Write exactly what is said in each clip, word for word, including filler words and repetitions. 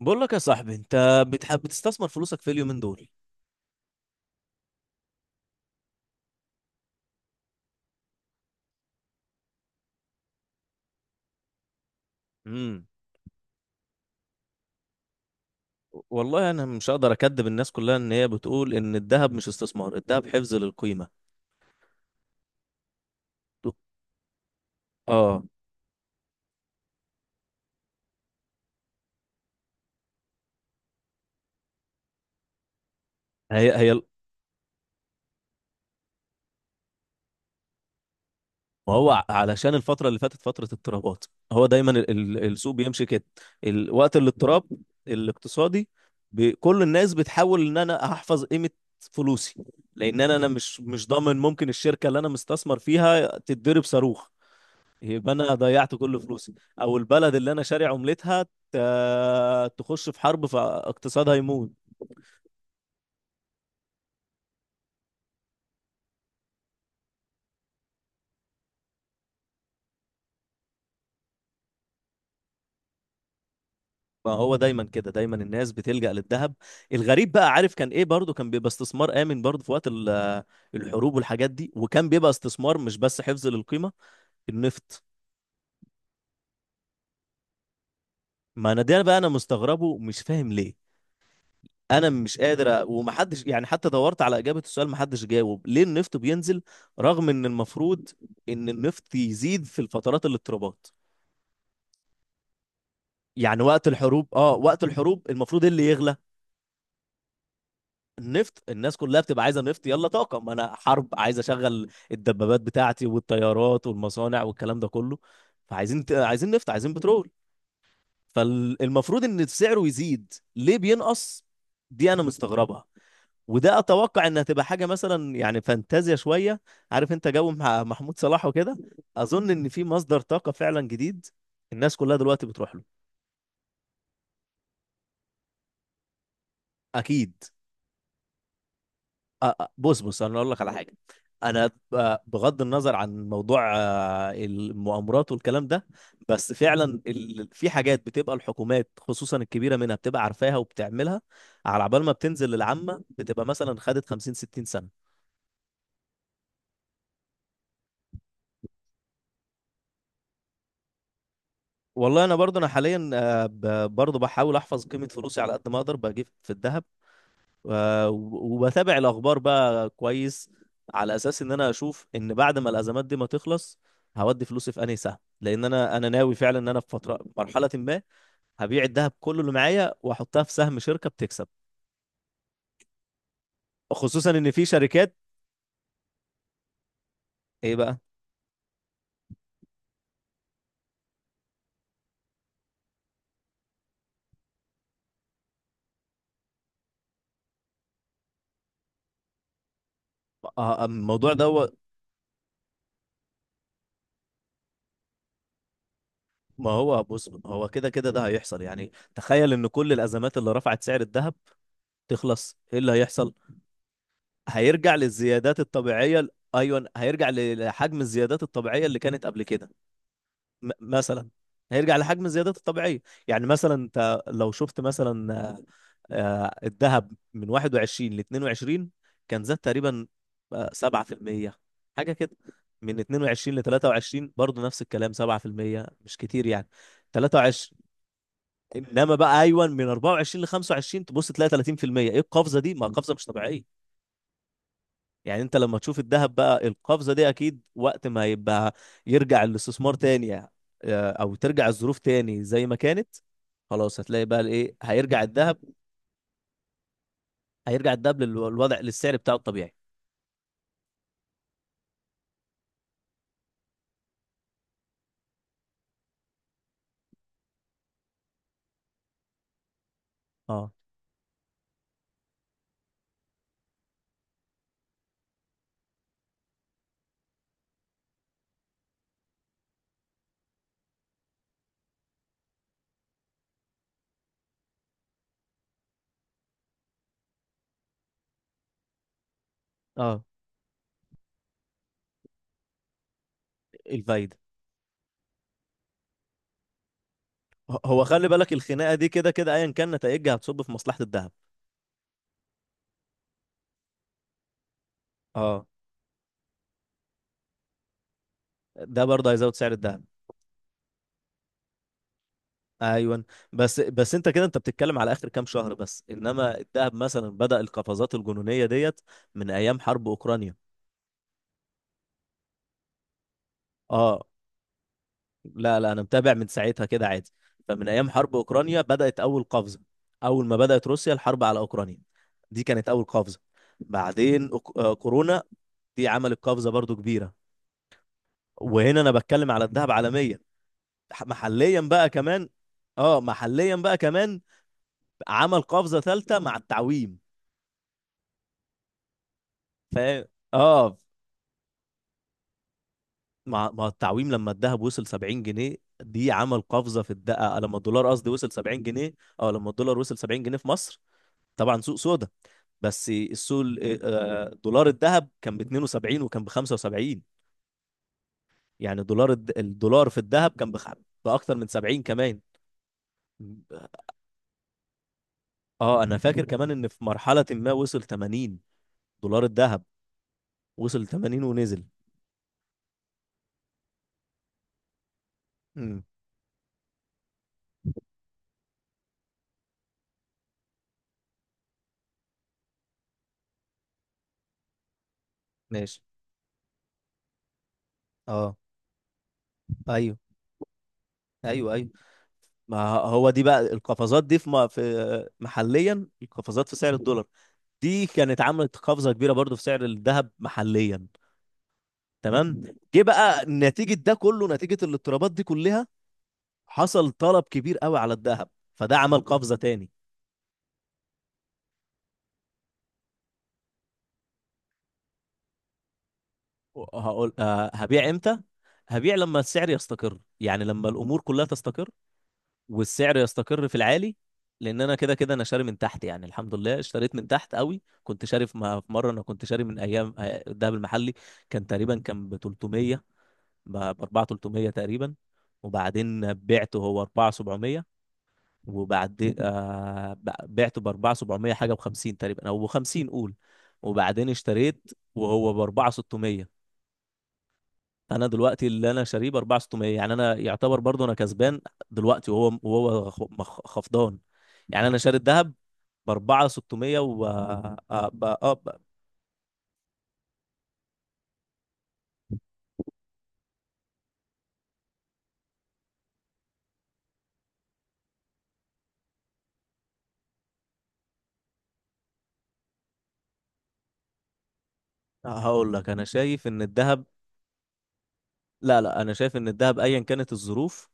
بقول لك يا صاحبي، انت بتحب بتستثمر فلوسك في اليومين دول؟ امم والله انا مش هقدر اكدب الناس كلها، ان هي بتقول ان الذهب مش استثمار، الذهب حفظ للقيمه. اه هي هي ما هو ع- علشان الفتره اللي فاتت فتره اضطرابات. هو دايما ال- ال- السوق بيمشي كده. ال- وقت الاضطراب الاقتصادي، ب- كل الناس بتحاول ان انا احفظ قيمه فلوسي، لان انا انا مش مش ضامن، ممكن الشركه اللي انا مستثمر فيها تتضرب صاروخ، يبقى انا ضيعت كل فلوسي. او البلد اللي انا شاري عملتها ت- تخش في حرب فاقتصادها يموت. ما هو دايما كده، دايما الناس بتلجأ للذهب. الغريب بقى، عارف كان ايه؟ برضو كان بيبقى استثمار آمن برضو في وقت ال- الحروب والحاجات دي، وكان بيبقى استثمار مش بس حفظ للقيمة. النفط، ما انا ده بقى انا مستغربه، مش فاهم ليه. انا مش قادر أ- ومحدش يعني، حتى دورت على اجابة السؤال محدش جاوب ليه النفط بينزل، رغم ان المفروض ان النفط يزيد في الفترات الاضطرابات. يعني وقت الحروب، اه وقت الحروب المفروض إيه اللي يغلى؟ النفط. الناس كلها بتبقى عايزه نفط، يلا طاقه. ما انا حرب، عايز اشغل الدبابات بتاعتي والطيارات والمصانع والكلام ده كله. فعايزين عايزين نفط، عايزين بترول. فالمفروض ان سعره يزيد، ليه بينقص؟ دي انا مستغربها، وده اتوقع انها تبقى حاجه مثلا يعني فانتازيا شويه. عارف انت جو مع محمود صلاح وكده. اظن ان في مصدر طاقه فعلا جديد الناس كلها دلوقتي بتروح له. اكيد. آه، آه، بص بص انا اقول لك على حاجه. انا آه، بغض النظر عن موضوع آه، المؤامرات والكلام ده، بس فعلا ال- في حاجات بتبقى الحكومات خصوصا الكبيره منها بتبقى عارفاها وبتعملها على عبال ما بتنزل للعامه، بتبقى مثلا خدت خمسين ستين سنه. والله انا برضو انا حاليا، آه، ب- برضو بحاول احفظ قيمه فلوسي على قد ما اقدر، بجيب في الذهب. آه، وبتابع الاخبار بقى كويس، على اساس ان انا اشوف ان بعد ما الازمات دي ما تخلص هودي فلوسي في انهي سهم. لان انا انا ناوي فعلا ان انا في فتره مرحله ما هبيع الذهب كله اللي معايا واحطها في سهم شركه بتكسب، خصوصا ان في شركات. ايه بقى؟ آه، آه، الموضوع ده، هو ما هو بص، هو كده كده ده هيحصل. يعني تخيل ان كل الازمات اللي رفعت سعر الذهب تخلص، ايه اللي هيحصل؟ هيرجع للزيادات الطبيعيه. ايوه، هيرجع لحجم الزيادات الطبيعيه اللي كانت قبل كده. م- مثلا هيرجع لحجم زيادته الطبيعية. يعني مثلا انت لو شفت مثلا آه، آه، الذهب من واحد وعشرين ل اتنين وعشرين كان زاد تقريبا آه، سبعة في المية حاجة كده. من اتنين وعشرين ل تلاتة وعشرين برضه نفس الكلام سبعة في المية، مش كتير يعني. تلاتة وعشرين، انما بقى ايوه من اربعة وعشرين ل خمسة وعشرين تبص تلاقي ثلاثين في المية. ايه القفزة دي؟ ما القفزة مش طبيعية. يعني انت لما تشوف الذهب بقى القفزه دي، اكيد وقت ما يبقى يرجع الاستثمار تاني، آه، او ترجع الظروف تاني زي ما كانت، خلاص هتلاقي بقى الايه هيرجع الذهب. هيرجع الذهب للوضع، للسعر بتاعه الطبيعي. اه، اه، الفايده. ه- هو خلي بالك الخناقه دي كده كده ايا كان نتائجها هتصب في مصلحه الذهب. اه، ده برضه هيزود سعر الذهب. ايوه. بس بس انت كده انت بتتكلم على اخر كام شهر بس، انما الذهب مثلا بدأ القفزات الجنونيه ديت من ايام حرب اوكرانيا. اه، لا لا انا متابع من ساعتها كده عادي. فمن ايام حرب اوكرانيا بدات اول قفزه. اول ما بدات روسيا الحرب على اوكرانيا، دي كانت اول قفزه. بعدين أوك- آه، كورونا، دي عملت قفزه برضو كبيره. وهنا انا بتكلم على الذهب عالميا. ح- محليا بقى كمان، اه محليا بقى كمان عمل قفزه ثالثه مع التعويم. ف اه مع مع التعويم، لما الذهب وصل سبعين جنيه، دي عمل قفزه في الدقه، لما الدولار قصدي وصل سبعين جنيه. اه، لما الدولار وصل سبعين جنيه في مصر، طبعا سوق سودا. بس السوق ال- آه، دولار الذهب كان ب اتنين وسبعين وكان ب خمسة وسبعين. يعني دولار الد- الدولار في الذهب كان بخ- بأكتر من سبعين كمان. اه، انا فاكر كمان ان في مرحلة ما وصل ثمانين دولار الذهب، وصل تمانين ونزل. امم ماشي. اه. ايوه، ايوه، ايوه. ما هو دي بقى القفزات دي في م- في محليا، القفزات في سعر الدولار دي كانت عملت قفزة كبيرة برضو في سعر الذهب محليا. تمام. جه بقى نتيجه ده كله، نتيجه الاضطرابات دي كلها حصل طلب كبير قوي على الذهب، فده عمل قفزه تاني. هقول أه هبيع امتى. هبيع لما السعر يستقر، يعني لما الامور كلها تستقر والسعر يستقر في العالي. لان انا كده كده انا شاري من تحت، يعني الحمد لله اشتريت من تحت قوي. كنت شاري في م- في مره، انا كنت شاري من ايام آه، الذهب المحلي كان تقريبا كان ب تلتمية، ب اربعة تلتمية تقريبا. وبعدين بعته هو اربعة سبعمية. وبعدين آه بع- بعته ب اربعة الاف وسبعمية حاجه، ب خمسين تقريبا او ب خمسين، قول. وبعدين اشتريت وهو ب اربعة الاف وستمية. انا دلوقتي اللي انا شاريه ب اربعة الاف وستمية، يعني انا يعتبر برضو انا كسبان دلوقتي، وهو وهو خ- مخ- خفضان. يعني انا شاري الذهب ب اربعة الاف وستمية. و اه، هقول لك انا شايف ان الذهب، لا لا انا شايف ان الذهب ايا كانت الظروف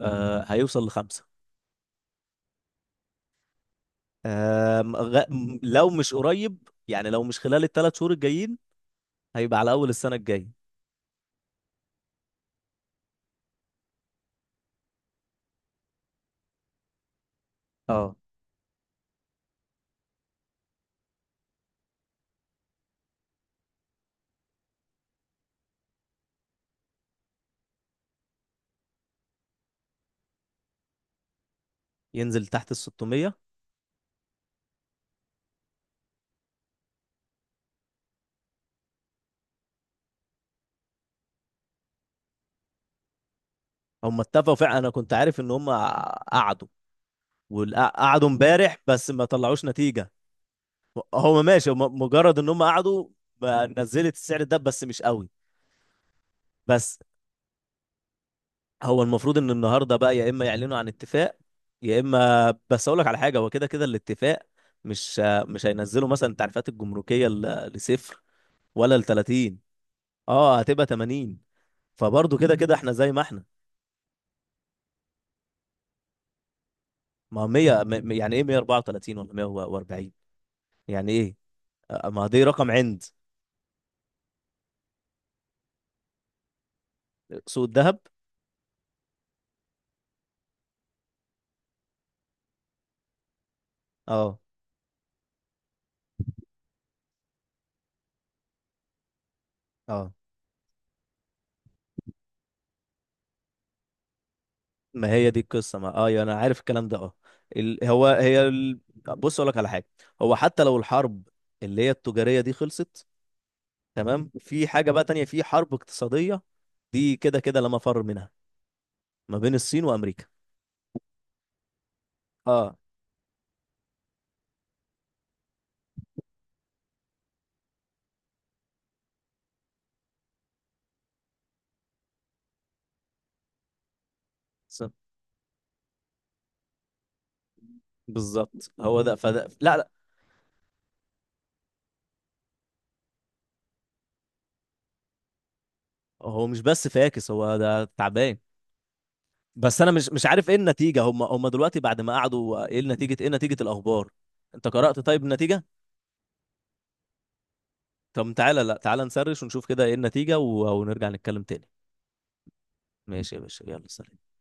آه هيوصل لخمسة. آه م- غ... م- لو مش قريب، يعني لو مش خلال الثلاث شهور الجايين، هيبقى على اول السنة الجاية. اه، ينزل تحت ال ستمية. هم اتفقوا فعلا، انا كنت عارف ان هم قعدوا، وقعدوا امبارح بس ما طلعوش نتيجة. هو ماشي هم مجرد ان هم قعدوا بقى نزلت السعر ده بس مش قوي. بس هو المفروض ان النهاردة بقى يا اما يعلنوا عن اتفاق، يا اما بس اقول لك على حاجة، هو كده كده الاتفاق مش مش هينزلوا مثلا التعريفات الجمركية ل- لصفر ولا ل ثلاثين. اه، هتبقى ثمانين. فبرضه كده كده احنا زي ما احنا. ما هو مية، م- م- يعني ايه مئة وأربعة وثلاثين ولا مية واربعين؟ يعني ايه؟ آه، ما هو دي رقم عند. سوق الذهب. اه، اه، ما هي دي القصه. ما اه يعني انا عارف الكلام ده. اه ال... هو هي ال... بص اقول لك على حاجه. هو حتى لو الحرب اللي هي التجاريه دي خلصت، تمام. في حاجه بقى تانية، في حرب اقتصاديه دي كده كده لا مفر منها، ما بين الصين وامريكا. اه. ص- بالظبط هو ده. فده لا لا هو مش بس فاكس، هو ده تعبان. بس انا مش مش عارف ايه النتيجه. هم هم دلوقتي بعد ما قعدوا، ايه النتيجه، ايه نتيجه الاخبار؟ انت قرأت طيب النتيجه؟ طب تعالى، لا تعالى نسرش ونشوف كده ايه النتيجه، و... ونرجع نتكلم تاني. ماشي يا باشا، يلا سلام.